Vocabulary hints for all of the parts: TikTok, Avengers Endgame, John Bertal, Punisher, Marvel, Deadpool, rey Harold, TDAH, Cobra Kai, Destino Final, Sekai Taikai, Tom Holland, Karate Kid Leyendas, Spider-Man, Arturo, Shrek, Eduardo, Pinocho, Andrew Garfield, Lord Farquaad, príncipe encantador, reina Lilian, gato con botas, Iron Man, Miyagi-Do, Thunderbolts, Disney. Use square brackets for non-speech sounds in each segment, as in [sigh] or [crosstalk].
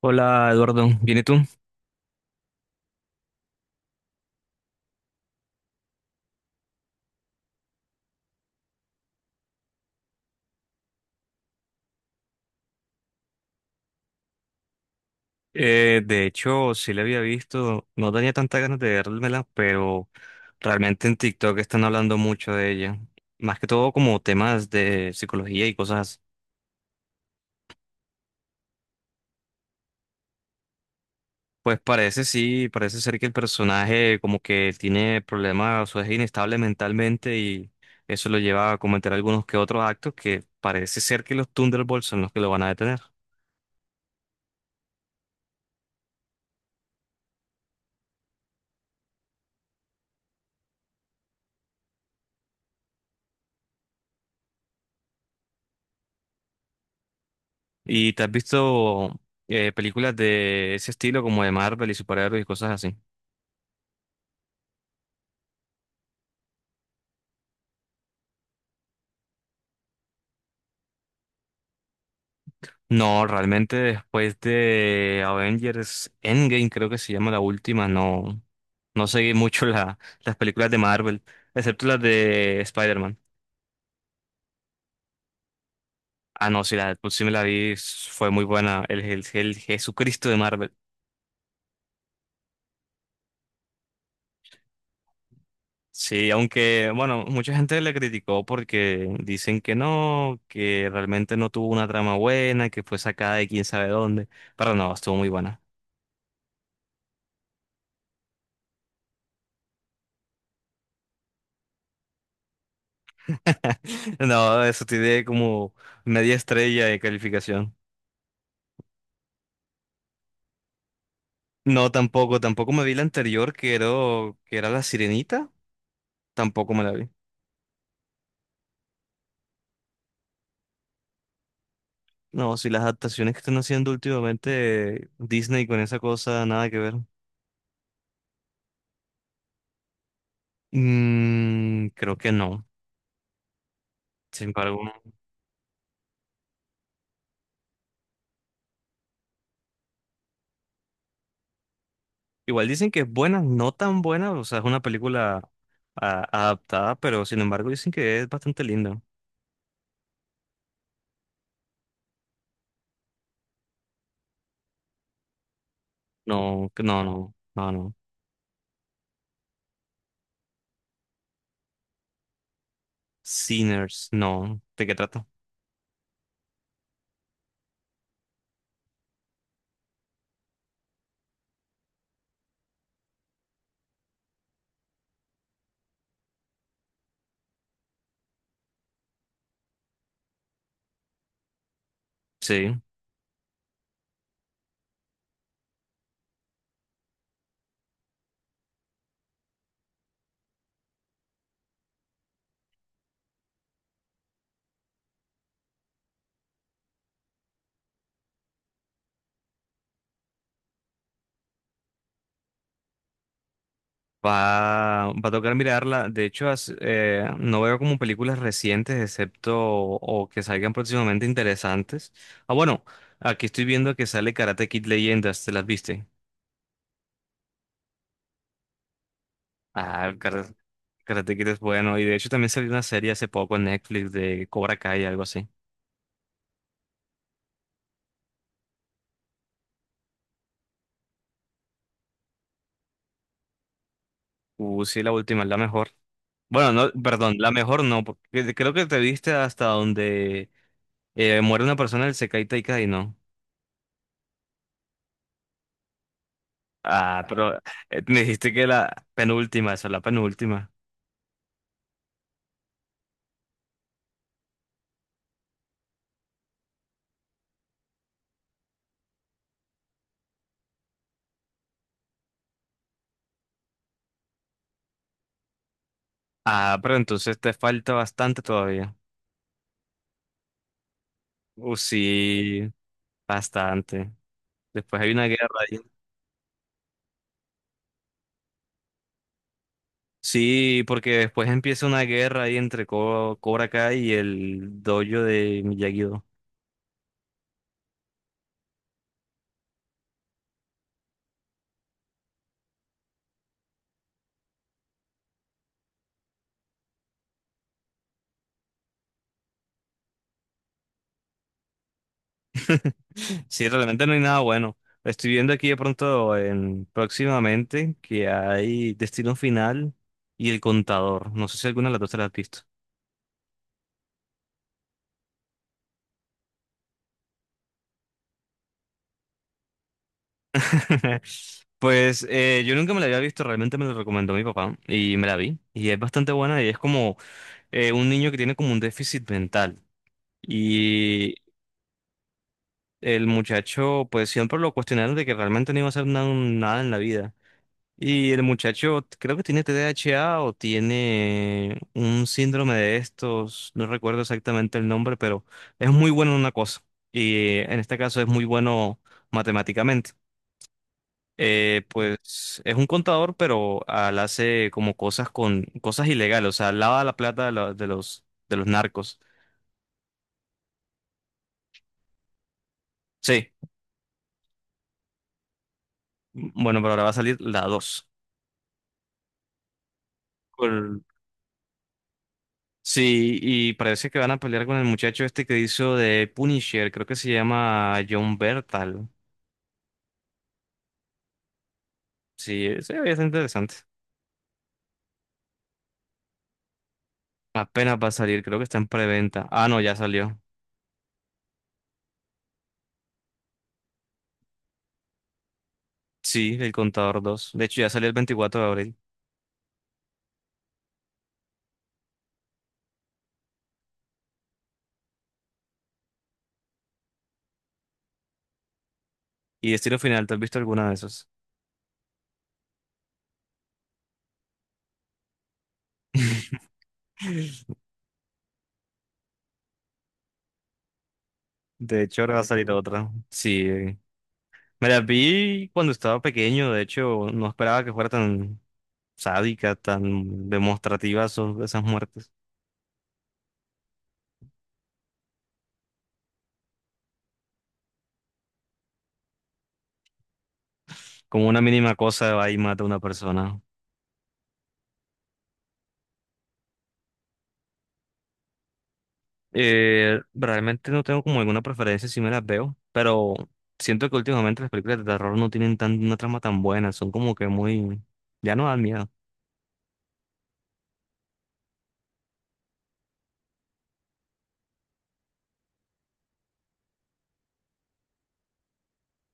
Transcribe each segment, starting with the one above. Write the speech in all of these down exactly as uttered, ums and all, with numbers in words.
Hola Eduardo, ¿bien y tú? Eh, de hecho, sí la había visto, no tenía tantas ganas de vérmela, pero realmente en TikTok están hablando mucho de ella. Más que todo como temas de psicología y cosas. Así. Pues parece sí, parece ser que el personaje como que tiene problemas o es inestable mentalmente y eso lo lleva a cometer algunos que otros actos que parece ser que los Thunderbolts son los que lo van a detener. ¿Y te has visto eh, películas de ese estilo como de Marvel y superhéroes y cosas así? No, realmente después de Avengers Endgame, creo que se llama la última, no, no seguí mucho la, las películas de Marvel, excepto las de Spider-Man. Ah, no, sí, la de Deadpool sí me la vi, s- fue muy buena, el, el, el Jesucristo de Marvel. Sí, aunque, bueno, mucha gente le criticó porque dicen que no, que realmente no tuvo una trama buena, que fue sacada de quién sabe dónde, pero no, estuvo muy buena. [laughs] No, eso tiene como media estrella de calificación. No, tampoco, tampoco me vi la anterior que era, que era La Sirenita, tampoco me la vi. No, si las adaptaciones que están haciendo últimamente Disney con esa cosa, nada que ver. Mm, creo que no, sin embargo, no. Igual dicen que es buena, no tan buena, o sea, es una película a- adaptada, pero sin embargo dicen que es bastante linda. No, que no, no, no, no. Sinners, no. ¿De qué trata? Sí. Va, va a tocar mirarla. De hecho, as- eh, no veo como películas recientes, excepto o, o que salgan próximamente interesantes. Ah, bueno, aquí estoy viendo que sale Karate Kid Leyendas, ¿te las viste? Ah, el Kara- Karate Kid es bueno. Y de hecho también salió una serie hace poco en Netflix de Cobra Kai, algo así. Uh, sí, la última, es la mejor. Bueno, no, perdón, la mejor no, porque creo que te viste hasta donde eh, muere una persona, el Sekai Taikai, ¿no? Ah, pero eh, me dijiste que la penúltima, esa es la penúltima. Ah, pero entonces te falta bastante todavía. Uh, sí, bastante. Después hay una guerra ahí. Sí, porque después empieza una guerra ahí entre Co- Cobra Kai y el dojo de Miyagi-Do. [laughs] Sí, realmente no hay nada bueno. Estoy viendo aquí de pronto en, próximamente que hay Destino Final y El Contador. No sé si alguna de las dos te la has visto. [laughs] Pues eh, yo nunca me la había visto, realmente me la recomendó mi papá y me la vi. Y es bastante buena y es como eh, un niño que tiene como un déficit mental. Y el muchacho, pues siempre lo cuestionaron de que realmente no iba a hacer na- nada en la vida. Y el muchacho creo que tiene T D A H o tiene un síndrome de estos, no recuerdo exactamente el nombre, pero es muy bueno en una cosa. Y en este caso es muy bueno matemáticamente. Eh, pues es un contador, pero al hace como cosas con cosas ilegales, o sea, lava la plata de, la- de los de los narcos. Sí, bueno, pero ahora va a salir la dos. Sí, y parece que van a pelear con el muchacho este que hizo de Punisher, creo que se llama John Bertal. Sí, ese es interesante. Apenas va a salir, creo que está en preventa. Ah, no, ya salió. Sí, el contador dos. De hecho, ya salió el veinticuatro de abril. Y Destino Final, ¿te has visto alguna de esas? [laughs] De hecho, ahora va a salir otra. Sí. Me la vi cuando estaba pequeño. De hecho, no esperaba que fuera tan sádica, tan demostrativa eso- esas muertes. Como una mínima cosa va y mata a una persona. Eh, realmente no tengo como alguna preferencia si me las veo, pero siento que últimamente las películas de terror no tienen tan, una trama tan buena. Son como que muy... Ya no dan miedo.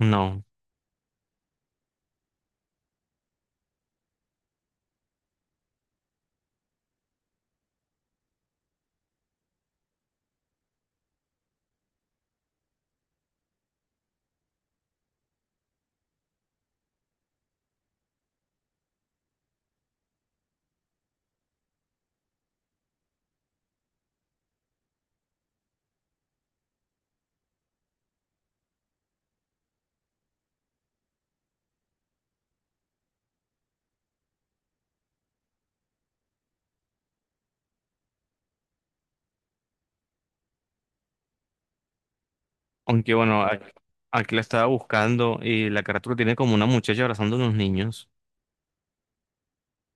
No. Aunque bueno, a- aquí la estaba buscando y la carátula tiene como una muchacha abrazando a unos niños.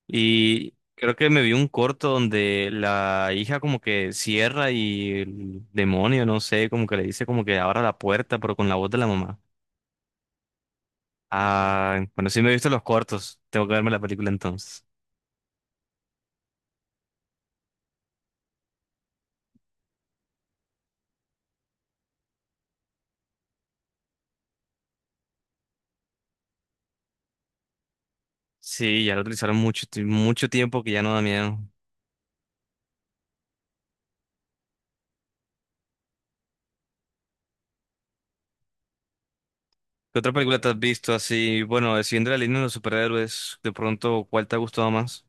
Y creo que me vi un corto donde la hija como que cierra y el demonio, no sé, como que le dice como que abra la puerta, pero con la voz de la mamá. Ah, bueno, sí me he visto los cortos. Tengo que verme la película entonces. Sí, ya lo utilizaron mucho, ti- mucho tiempo que ya no da miedo. ¿Qué otra película te has visto así? Bueno, eh, siguiendo la línea de los superhéroes, de pronto, ¿cuál te ha gustado más?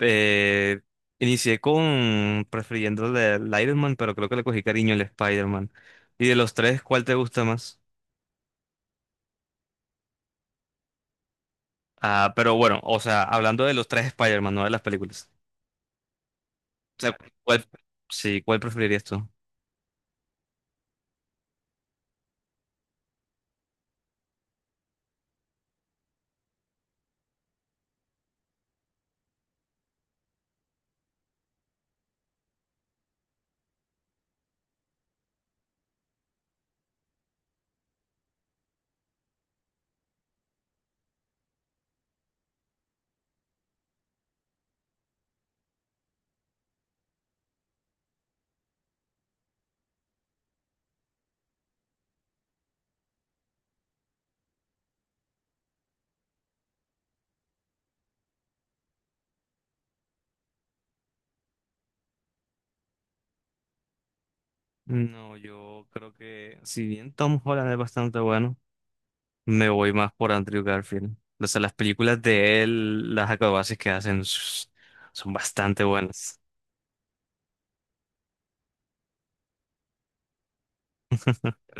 Eh, Inicié con prefiriendo el de el Iron Man, pero creo que le cogí cariño al Spider-Man. Y de los tres, ¿cuál te gusta más? Ah, pero bueno, o sea, hablando de los tres Spider-Man, no de las películas. O sea, ¿cuál, sí, ¿cuál preferirías tú? No, yo creo que si bien Tom Holland es bastante bueno, me voy más por Andrew Garfield. O sea, las películas de él, las acrobacias que hacen s- son bastante buenas. [laughs]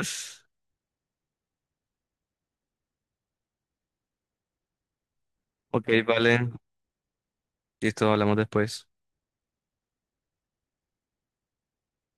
Ok, vale. Listo, hablamos después.